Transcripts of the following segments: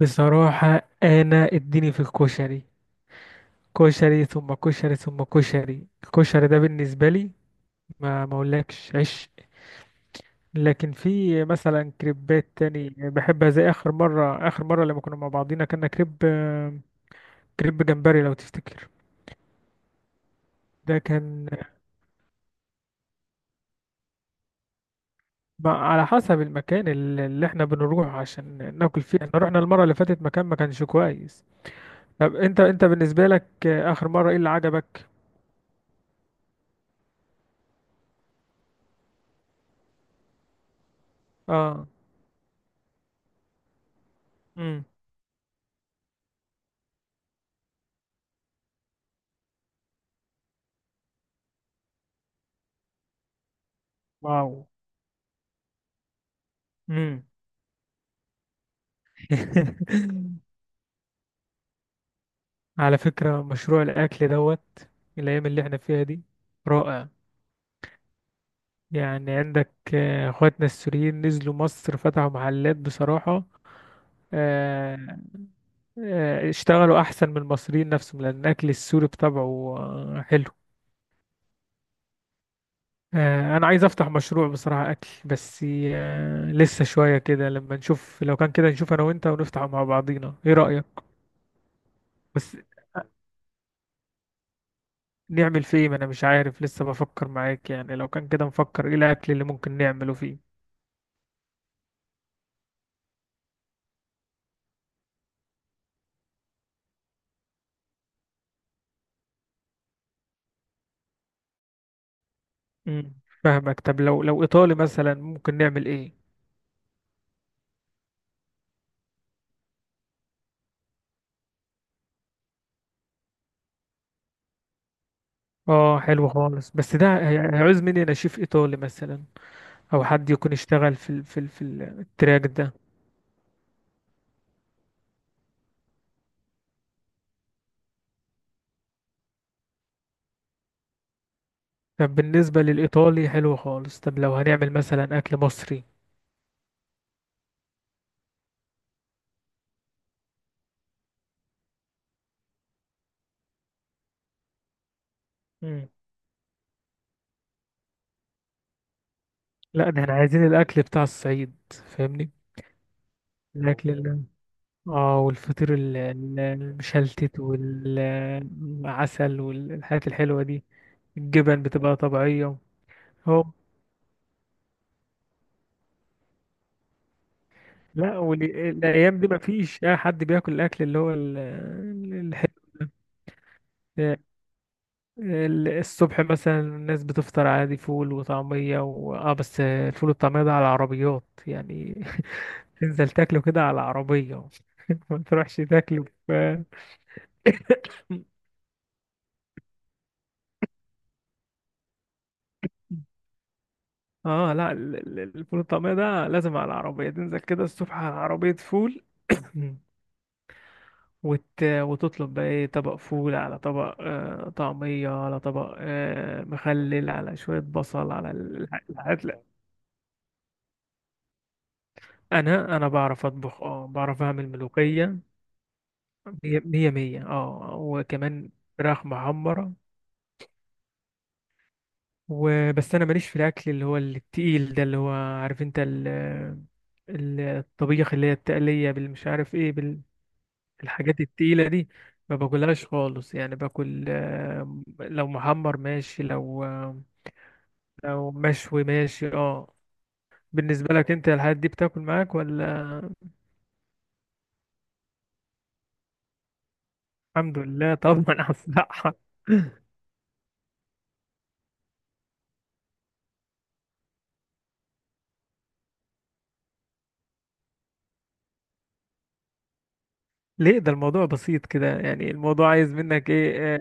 بصراحة، أنا اديني في الكشري. كشري ثم كشري ثم كشري، الكشري ده بالنسبة لي ما أقولكش عشق، لكن في مثلا كريبات تاني بحبها. زي آخر مرة لما كنا مع بعضينا كنا كريب جمبري، لو تفتكر. ده كان على حسب المكان اللي احنا بنروح عشان ناكل فيه. احنا رحنا المرة اللي فاتت مكان ما كانش كويس. طب انت بالنسبة لك آخر مرة ايه اللي عجبك؟ اه. امم. واو. امم. على فكرة، مشروع الأكل دوت الأيام اللي احنا فيها دي رائع. يعني عندك، اخواتنا السوريين نزلوا مصر فتحوا محلات بصراحة، آه، اشتغلوا أحسن من المصريين نفسهم، لأن الأكل السوري بطبعه حلو. أنا عايز أفتح مشروع بصراحة أكل. بس لسه شوية كده لما نشوف، لو كان كده نشوف أنا وأنت ونفتح مع بعضينا، إيه رأيك؟ بس نعمل فيه إيه؟ ما انا مش عارف لسه، بفكر معاك يعني، لو كان كده نفكر ايه الاكل اللي ممكن نعمله فيه. امم. فاهمك. طب لو ايطالي مثلا ممكن نعمل ايه؟ اه، حلو خالص، بس ده هيعوز مني انا شيف ايطالي مثلا، او حد يكون اشتغل التراك ده. طب بالنسبة للايطالي حلو خالص، طب لو هنعمل مثلا اكل مصري. امم. لا، ده احنا عايزين الاكل بتاع الصعيد، فاهمني؟ الاكل، اه والفطير المشلتت والعسل والحاجات الحلوة دي. الجبن بتبقى طبيعية. هو. لا، والأيام دي مفيش أي حد بياكل الأكل اللي هو الحلو ده. الصبح مثلا الناس بتفطر عادي، فول وطعمية، و... اه بس الفول والطعمية ده على العربيات يعني. تنزل تاكله كده على العربية، ما تروحش تاكله. اه، لا، الفول الطعمية ده لازم على العربية، تنزل كده الصبح على عربية فول. وتطلب بقى ايه، طبق فول، على طبق طعمية، على طبق مخلل، على شوية بصل، على الحاجات. لا. انا بعرف اطبخ، اه بعرف اعمل ملوخية، مية مية مية، وكمان فراخ محمرة. وبس، انا ماليش في الاكل اللي هو التقيل ده، اللي هو عارف انت الطبيخ اللي هي التقلية بالمش عارف ايه، الحاجات التقيلة دي، ما باكلهاش خالص يعني. باكل، لو محمر ماشي، لو مشوي ماشي. اه. بالنسبة لك انت الحاجات دي بتاكل معاك ولا؟ الحمد لله طبعا على الصحة. ليه؟ ده الموضوع بسيط كده يعني، الموضوع عايز منك ايه،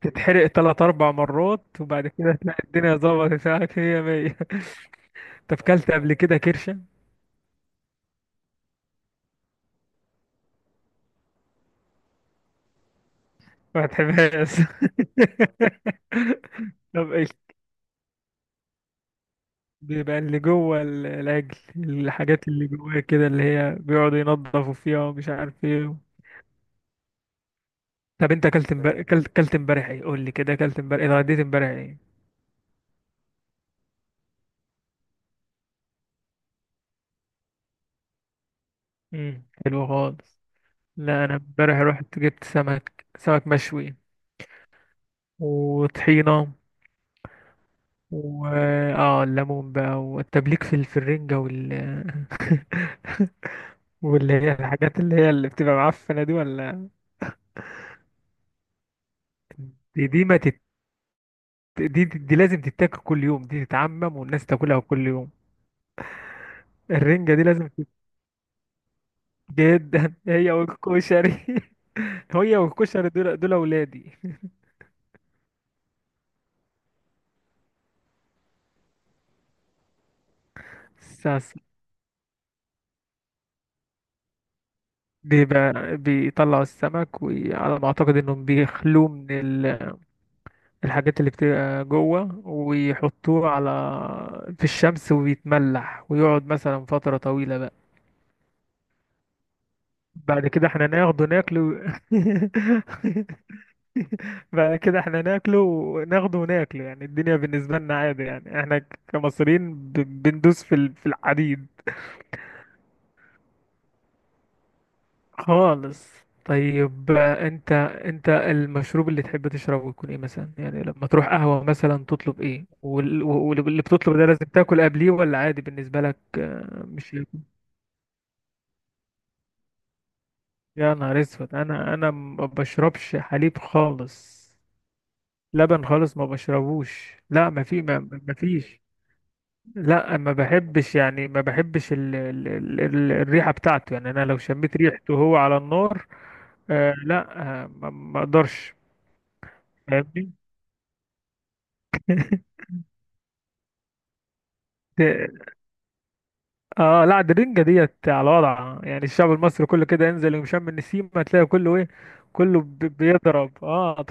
تتحرق تلات اربع مرات، وبعد كده تلاقي الدنيا ظبطت معاك هي مية. طب كلت قبل كده كرشة؟ ما تحبهاش. طب إيه؟ بيبقى اللي جوه العجل، الحاجات اللي جواه كده، اللي هي بيقعدوا ينضفوا فيها ومش عارف ايه. طب انت اكلت امبارح، اكلت امبارح ايه، قول لي كده، اكلت امبارح ايه، اتغديت امبارح ايه؟ امم، حلو خالص. لا انا امبارح رحت جبت سمك مشوي، وطحينه، و اه الليمون بقى، والتبليك في الرنجه واللي هي الحاجات اللي هي اللي بتبقى معفنه دي ولا؟ دي دي ما تت... دي, دي, دي لازم تتاكل كل يوم، دي تتعمم والناس تاكلها كل يوم. الرنجة دي لازم جدا. هي والكشري، هي والكشري دول أولادي. الساس. دي بقى بيطلعوا السمك، وعلى ما أعتقد إنهم بيخلوه من الحاجات اللي بتبقى جوه، ويحطوه على، في الشمس، ويتملح ويقعد مثلا فترة طويلة بقى. بعد كده احنا ناخده ناكله، بعد كده احنا ناكله وناخده وناكله. يعني الدنيا بالنسبة لنا عادي، يعني احنا كمصريين بندوس في الحديد. خالص. طيب انت المشروب اللي تحب تشربه يكون ايه مثلا؟ يعني لما تروح قهوة مثلا تطلب ايه، واللي بتطلب ده لازم تاكل قبليه ولا عادي بالنسبة لك؟ مش. يا نهار اسود، انا ما بشربش حليب خالص. لبن خالص ما بشربوش. لا، ما في ما. ما فيش. لا، ما بحبش يعني، ما بحبش ال الريحة بتاعته. يعني انا لو شميت ريحته وهو على النار، آه لا، ما اقدرش. فاهمني. ده- اه، لا، ده الرنجة ديت على وضع، يعني الشعب المصري كله كده، انزل ومشم النسيم هتلاقي كله ايه، كله بيضرب، اه.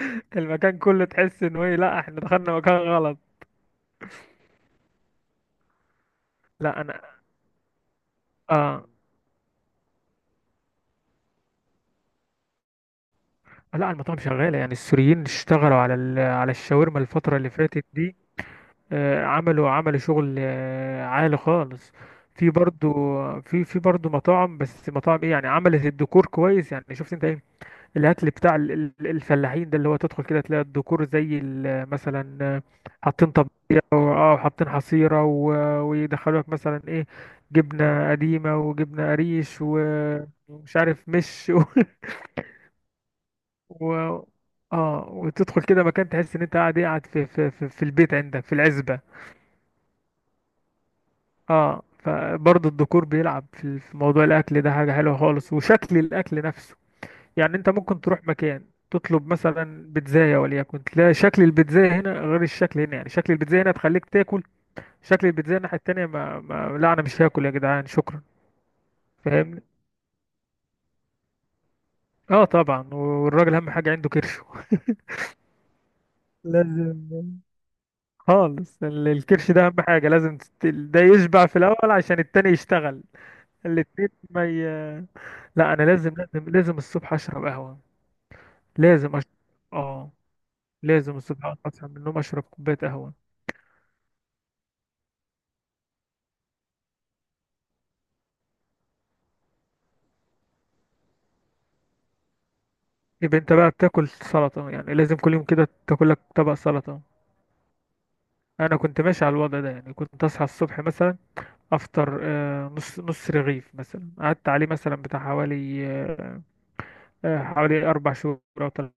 المكان كله تحس انه ايه، لا، احنا دخلنا مكان غلط. لا انا. اه، لا، المطاعم شغالة. يعني السوريين اشتغلوا على الشاورما الفترة اللي فاتت دي. عملوا شغل عالي خالص. في برضو في برضو مطاعم، بس مطاعم ايه، يعني عملت الديكور كويس. يعني شفت انت الاكل بتاع الفلاحين ده، اللي هو تدخل كده تلاقي الديكور، زي مثلا، حاطين طبيخ، او حاطين حصيره، ويدخلوا لك مثلا ايه، جبنه قديمه وجبنه قريش، ومش عارف مش و... و... اه، وتدخل كده مكان، تحس ان انت قاعد إيه، قاعد في البيت عندك في العزبه. اه، فبرضه الديكور بيلعب في موضوع الاكل ده، حاجه حلوه خالص، وشكل الاكل نفسه. يعني انت ممكن تروح مكان تطلب مثلا بيتزاية وليكن، تلاقي شكل البيتزاية هنا غير الشكل هنا. يعني شكل البيتزاية هنا تخليك تاكل، شكل البيتزاية الناحية التانية ما لا انا مش هاكل يا جدعان، شكرا. فاهمني. اه طبعا، والراجل اهم حاجة عنده كرشه لازم. خالص، الكرش ده اهم حاجة، لازم ده يشبع في الاول عشان التاني يشتغل. الاتنين ما لا، انا لازم لازم لازم الصبح اشرب قهوة، لازم أشرب. اه. لازم الصبح اصحى من النوم اشرب كوباية قهوة. يبقى انت بقى بتاكل سلطة يعني، لازم كل يوم كده تاكلك طبق سلطة. انا كنت ماشي على الوضع ده، يعني كنت اصحى الصبح مثلا، افطر نص رغيف مثلا، قعدت عليه مثلا بتاع حوالي، حوالي 4 شهور او ثلاث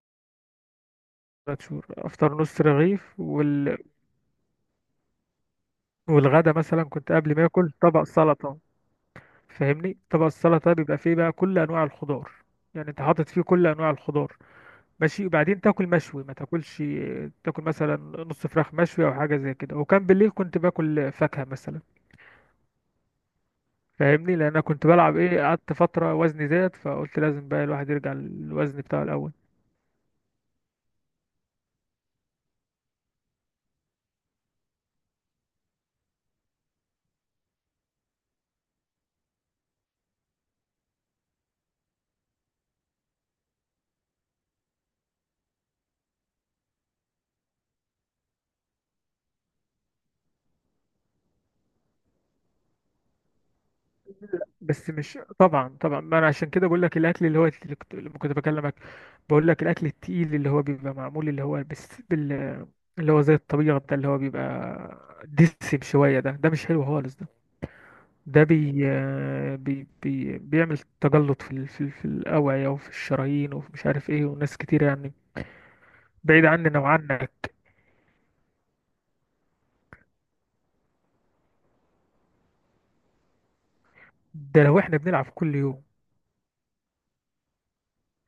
شهور افطر نص رغيف والغدا مثلا كنت قبل ما اكل طبق سلطة. فاهمني، طبق السلطة بيبقى فيه بقى كل انواع الخضار. يعني انت حاطط فيه كل انواع الخضار، ماشي، وبعدين تاكل مشوي، ما تاكلش، تاكل مثلا نص فراخ مشوي او حاجه زي كده. وكان بالليل كنت باكل فاكهه مثلا. فاهمني، لان انا كنت بلعب ايه، قعدت فتره وزني زاد، فقلت لازم بقى الواحد يرجع للوزن بتاعه الاول. بس مش، طبعا طبعا، ما انا عشان كده بقول لك الاكل اللي هو اللي كنت لما كنت بكلمك، بقول لك الاكل التقيل اللي هو بيبقى معمول، اللي هو بس اللي هو زي الطبيعه ده، اللي هو بيبقى دسم شويه ده، ده مش حلو خالص ده. ده بي آه، بي بي بيعمل تجلط في الأوعية، وفي الشرايين، وفي مش عارف ايه، وناس كتير يعني، بعيد عننا وعنك. ده لو احنا بنلعب كل يوم.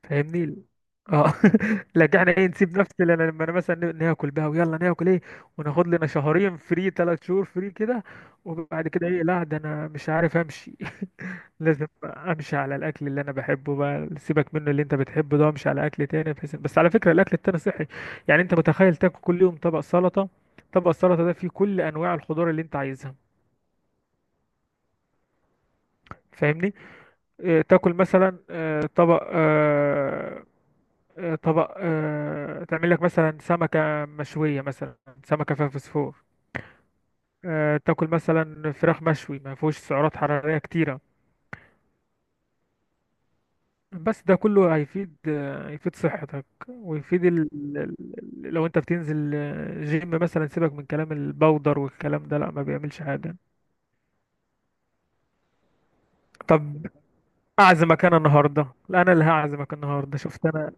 فاهمني. اه لكن احنا ايه، نسيب نفس لنا، لما انا مثلا ناكل بقى، ويلا ناكل ايه، وناخد لنا شهرين فري، ثلاث شهور فري كده، وبعد كده ايه؟ لا، ده انا مش عارف امشي. لازم امشي على الاكل اللي انا بحبه بقى، سيبك منه اللي انت بتحبه ده، امشي على اكل تاني، بحيث، بس على فكره الاكل التاني صحي. يعني انت متخيل تاكل كل يوم طبق سلطه، طبق السلطه ده فيه كل انواع الخضار اللي انت عايزها. فاهمني، اه تاكل مثلا طبق طبق تعمل لك مثلا سمكه مشويه مثلا، سمكه فيها فوسفور. اه، تاكل مثلا فراخ مشوي ما فيهوش سعرات حراريه كتيره. بس ده كله هيفيد، هيفيد صحتك، ويفيد لو انت بتنزل جيم مثلا، سيبك من كلام البودر والكلام ده، لا، ما بيعملش حاجة. طب اعزمك انا النهاردة، لا انا اللي هعزمك النهاردة، شفت انا،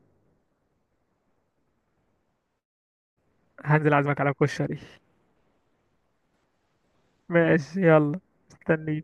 هنزل اعزمك على كشري. ماشي يلا. مستني.